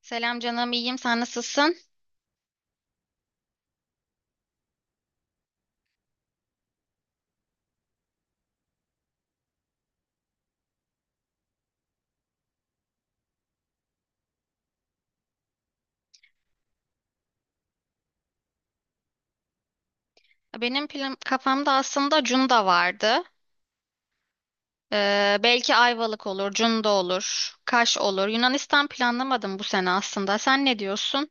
Selam canım, iyiyim. Sen nasılsın? Benim plan kafamda aslında Cunda vardı. Belki Ayvalık olur, Cunda olur, Kaş olur. Yunanistan planlamadım bu sene aslında. Sen ne diyorsun?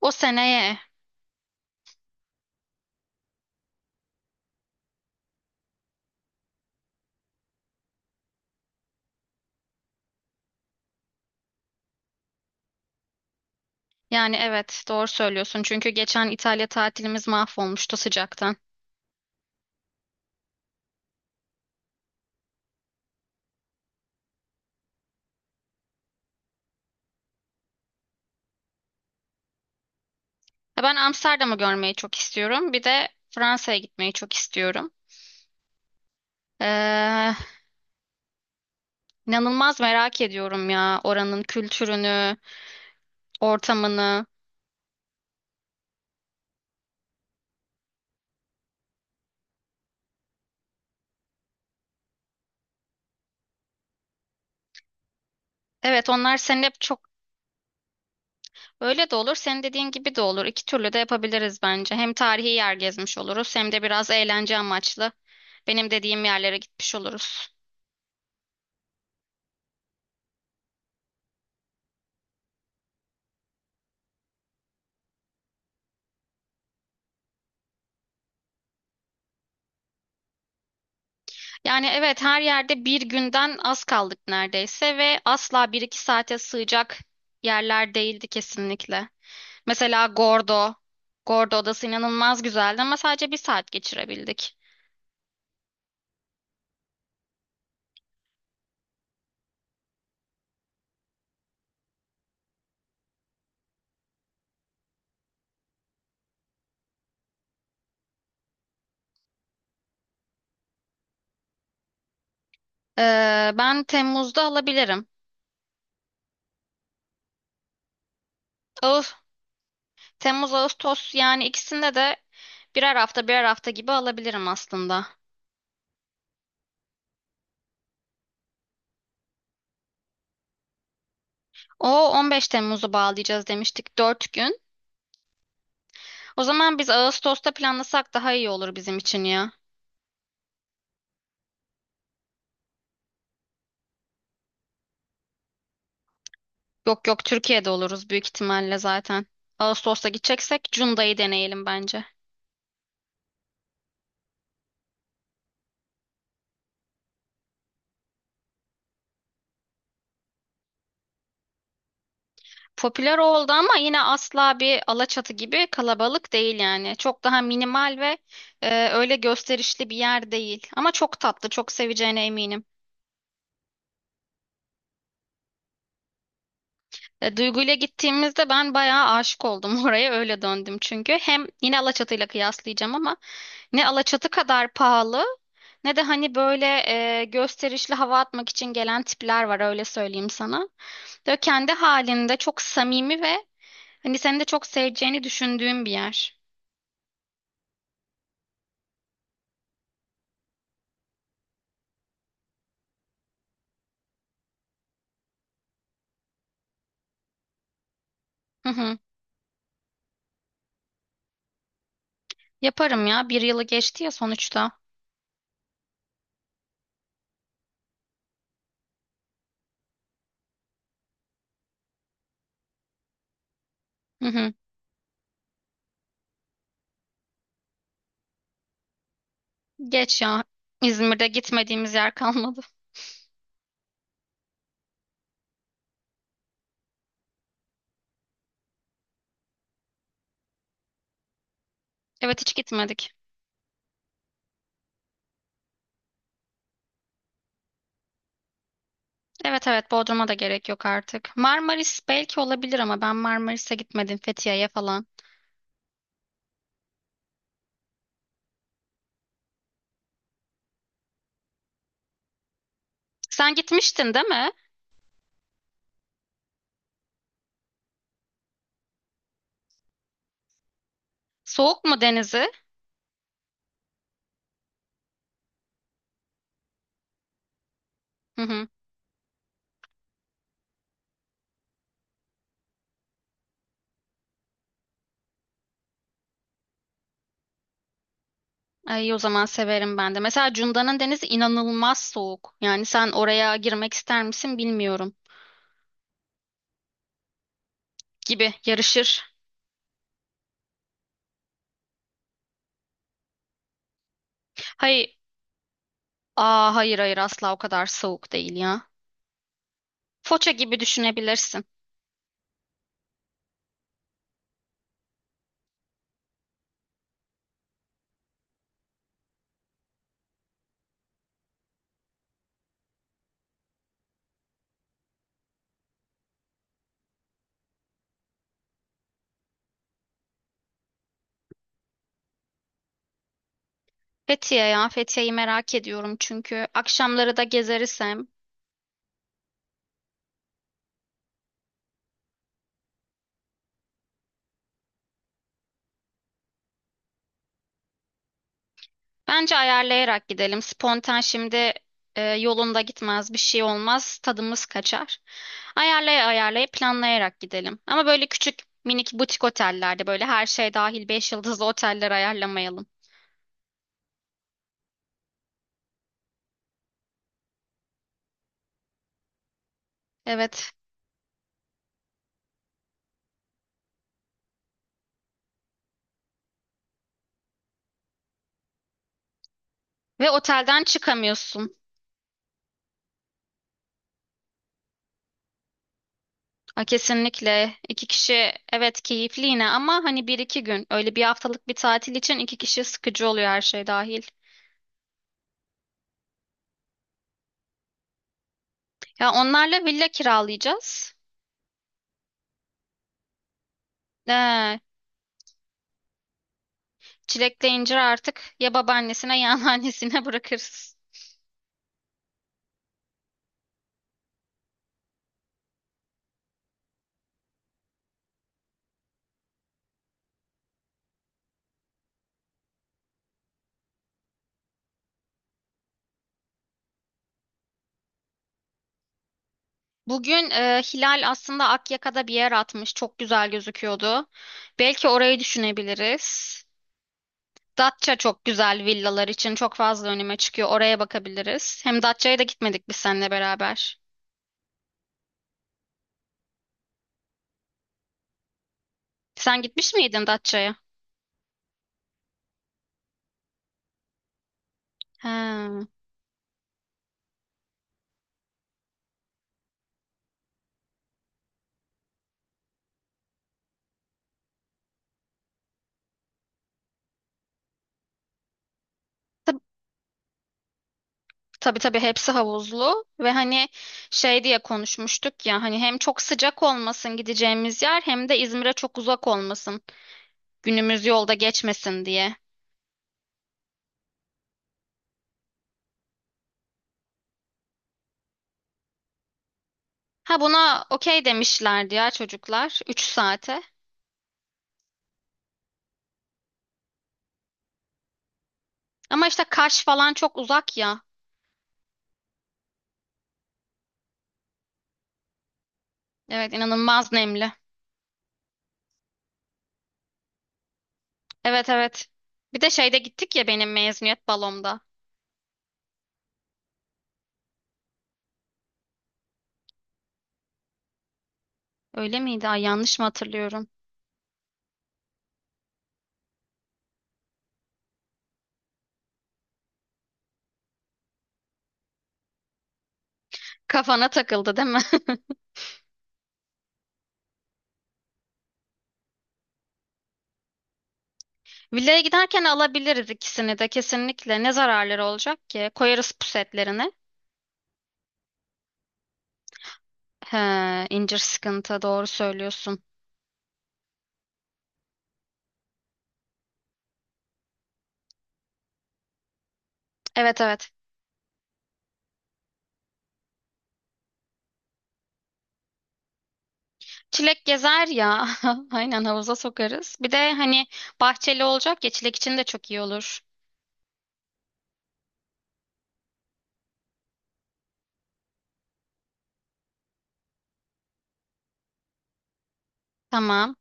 O seneye. Yani evet, doğru söylüyorsun. Çünkü geçen İtalya tatilimiz mahvolmuştu sıcaktan. Ya ben Amsterdam'ı görmeyi çok istiyorum. Bir de Fransa'ya gitmeyi çok istiyorum. Ee, inanılmaz merak ediyorum ya oranın kültürünü, ortamını. Evet, onlar senin hep çok. Öyle de olur, senin dediğin gibi de olur. İki türlü de yapabiliriz bence. Hem tarihi yer gezmiş oluruz, hem de biraz eğlence amaçlı benim dediğim yerlere gitmiş oluruz. Yani evet, her yerde bir günden az kaldık neredeyse ve asla bir iki saate sığacak yerler değildi kesinlikle. Mesela Gordo. Gordo Adası inanılmaz güzeldi ama sadece bir saat geçirebildik. Ben Temmuz'da alabilirim. Ağustos, Temmuz, Ağustos yani ikisinde de birer hafta birer hafta gibi alabilirim aslında. O 15 Temmuz'u bağlayacağız demiştik 4 gün. O zaman biz Ağustos'ta planlasak daha iyi olur bizim için ya. Yok yok, Türkiye'de oluruz büyük ihtimalle zaten. Ağustos'ta gideceksek Cunda'yı deneyelim bence. Popüler oldu ama yine asla bir Alaçatı gibi kalabalık değil yani. Çok daha minimal ve öyle gösterişli bir yer değil. Ama çok tatlı, çok seveceğine eminim. Duygu'yla gittiğimizde ben bayağı aşık oldum oraya öyle döndüm çünkü. Hem yine Alaçatı'yla kıyaslayacağım ama ne Alaçatı kadar pahalı ne de hani böyle gösterişli hava atmak için gelen tipler var, öyle söyleyeyim sana. Böyle kendi halinde çok samimi ve hani seni de çok seveceğini düşündüğüm bir yer. Hı hı. Yaparım ya, bir yılı geçti ya sonuçta. Hı hı. Geç ya. İzmir'de gitmediğimiz yer kalmadı. Evet, hiç gitmedik. Evet evet, Bodrum'a da gerek yok artık. Marmaris belki olabilir ama ben Marmaris'e gitmedim, Fethiye'ye falan. Sen gitmiştin değil mi? Soğuk mu denizi? Hı hı. Ay, iyi o zaman, severim ben de. Mesela Cunda'nın denizi inanılmaz soğuk. Yani sen oraya girmek ister misin bilmiyorum. Gibi yarışır. Hayır, hayır hayır, asla o kadar soğuk değil ya. Foça gibi düşünebilirsin. Fethiye, ya Fethiye'yi merak ediyorum çünkü akşamları da gezeriz hem. Bence ayarlayarak gidelim. Spontan şimdi yolunda gitmez, bir şey olmaz, tadımız kaçar. Ayarlaya ayarlaya, planlayarak gidelim. Ama böyle küçük minik butik otellerde, böyle her şey dahil 5 yıldızlı oteller ayarlamayalım. Evet. Ve otelden çıkamıyorsun. A, kesinlikle iki kişi evet keyifli yine ama hani bir iki gün, öyle bir haftalık bir tatil için iki kişi sıkıcı oluyor her şey dahil. Ya onlarla villa kiralayacağız. Ee, Çilekle incir artık ya babaannesine ya anneannesine bırakırız. Bugün Hilal aslında Akyaka'da bir yer atmış. Çok güzel gözüküyordu. Belki orayı düşünebiliriz. Datça çok güzel, villalar için çok fazla önüme çıkıyor. Oraya bakabiliriz. Hem Datça'ya da gitmedik biz seninle beraber. Sen gitmiş miydin Datça'ya? He. Tab- Tabii tabii, hepsi havuzlu ve hani şey diye konuşmuştuk ya, hani hem çok sıcak olmasın gideceğimiz yer, hem de İzmir'e çok uzak olmasın. Günümüz yolda geçmesin diye. Ha, buna okey demişlerdi ya çocuklar. 3 saate. Ama işte Kaş falan çok uzak ya. Evet, inanılmaz nemli. Evet evet. Bir de şeyde gittik ya, benim mezuniyet balomda. Öyle miydi? Ay, yanlış mı hatırlıyorum? Kafana takıldı değil mi? Villaya giderken alabiliriz ikisini de kesinlikle. Ne zararları olacak ki? Koyarız pusetlerini. He, incir sıkıntı, doğru söylüyorsun. Evet evet. Çilek gezer ya. Aynen, havuza sokarız. Bir de hani bahçeli olacak ya, çilek için de çok iyi olur. Tamam.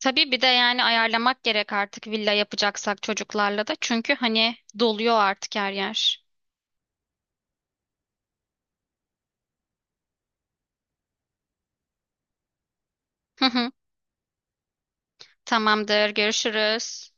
Tabii bir de yani ayarlamak gerek artık, villa yapacaksak çocuklarla da. Çünkü hani doluyor artık her yer. Tamamdır. Görüşürüz.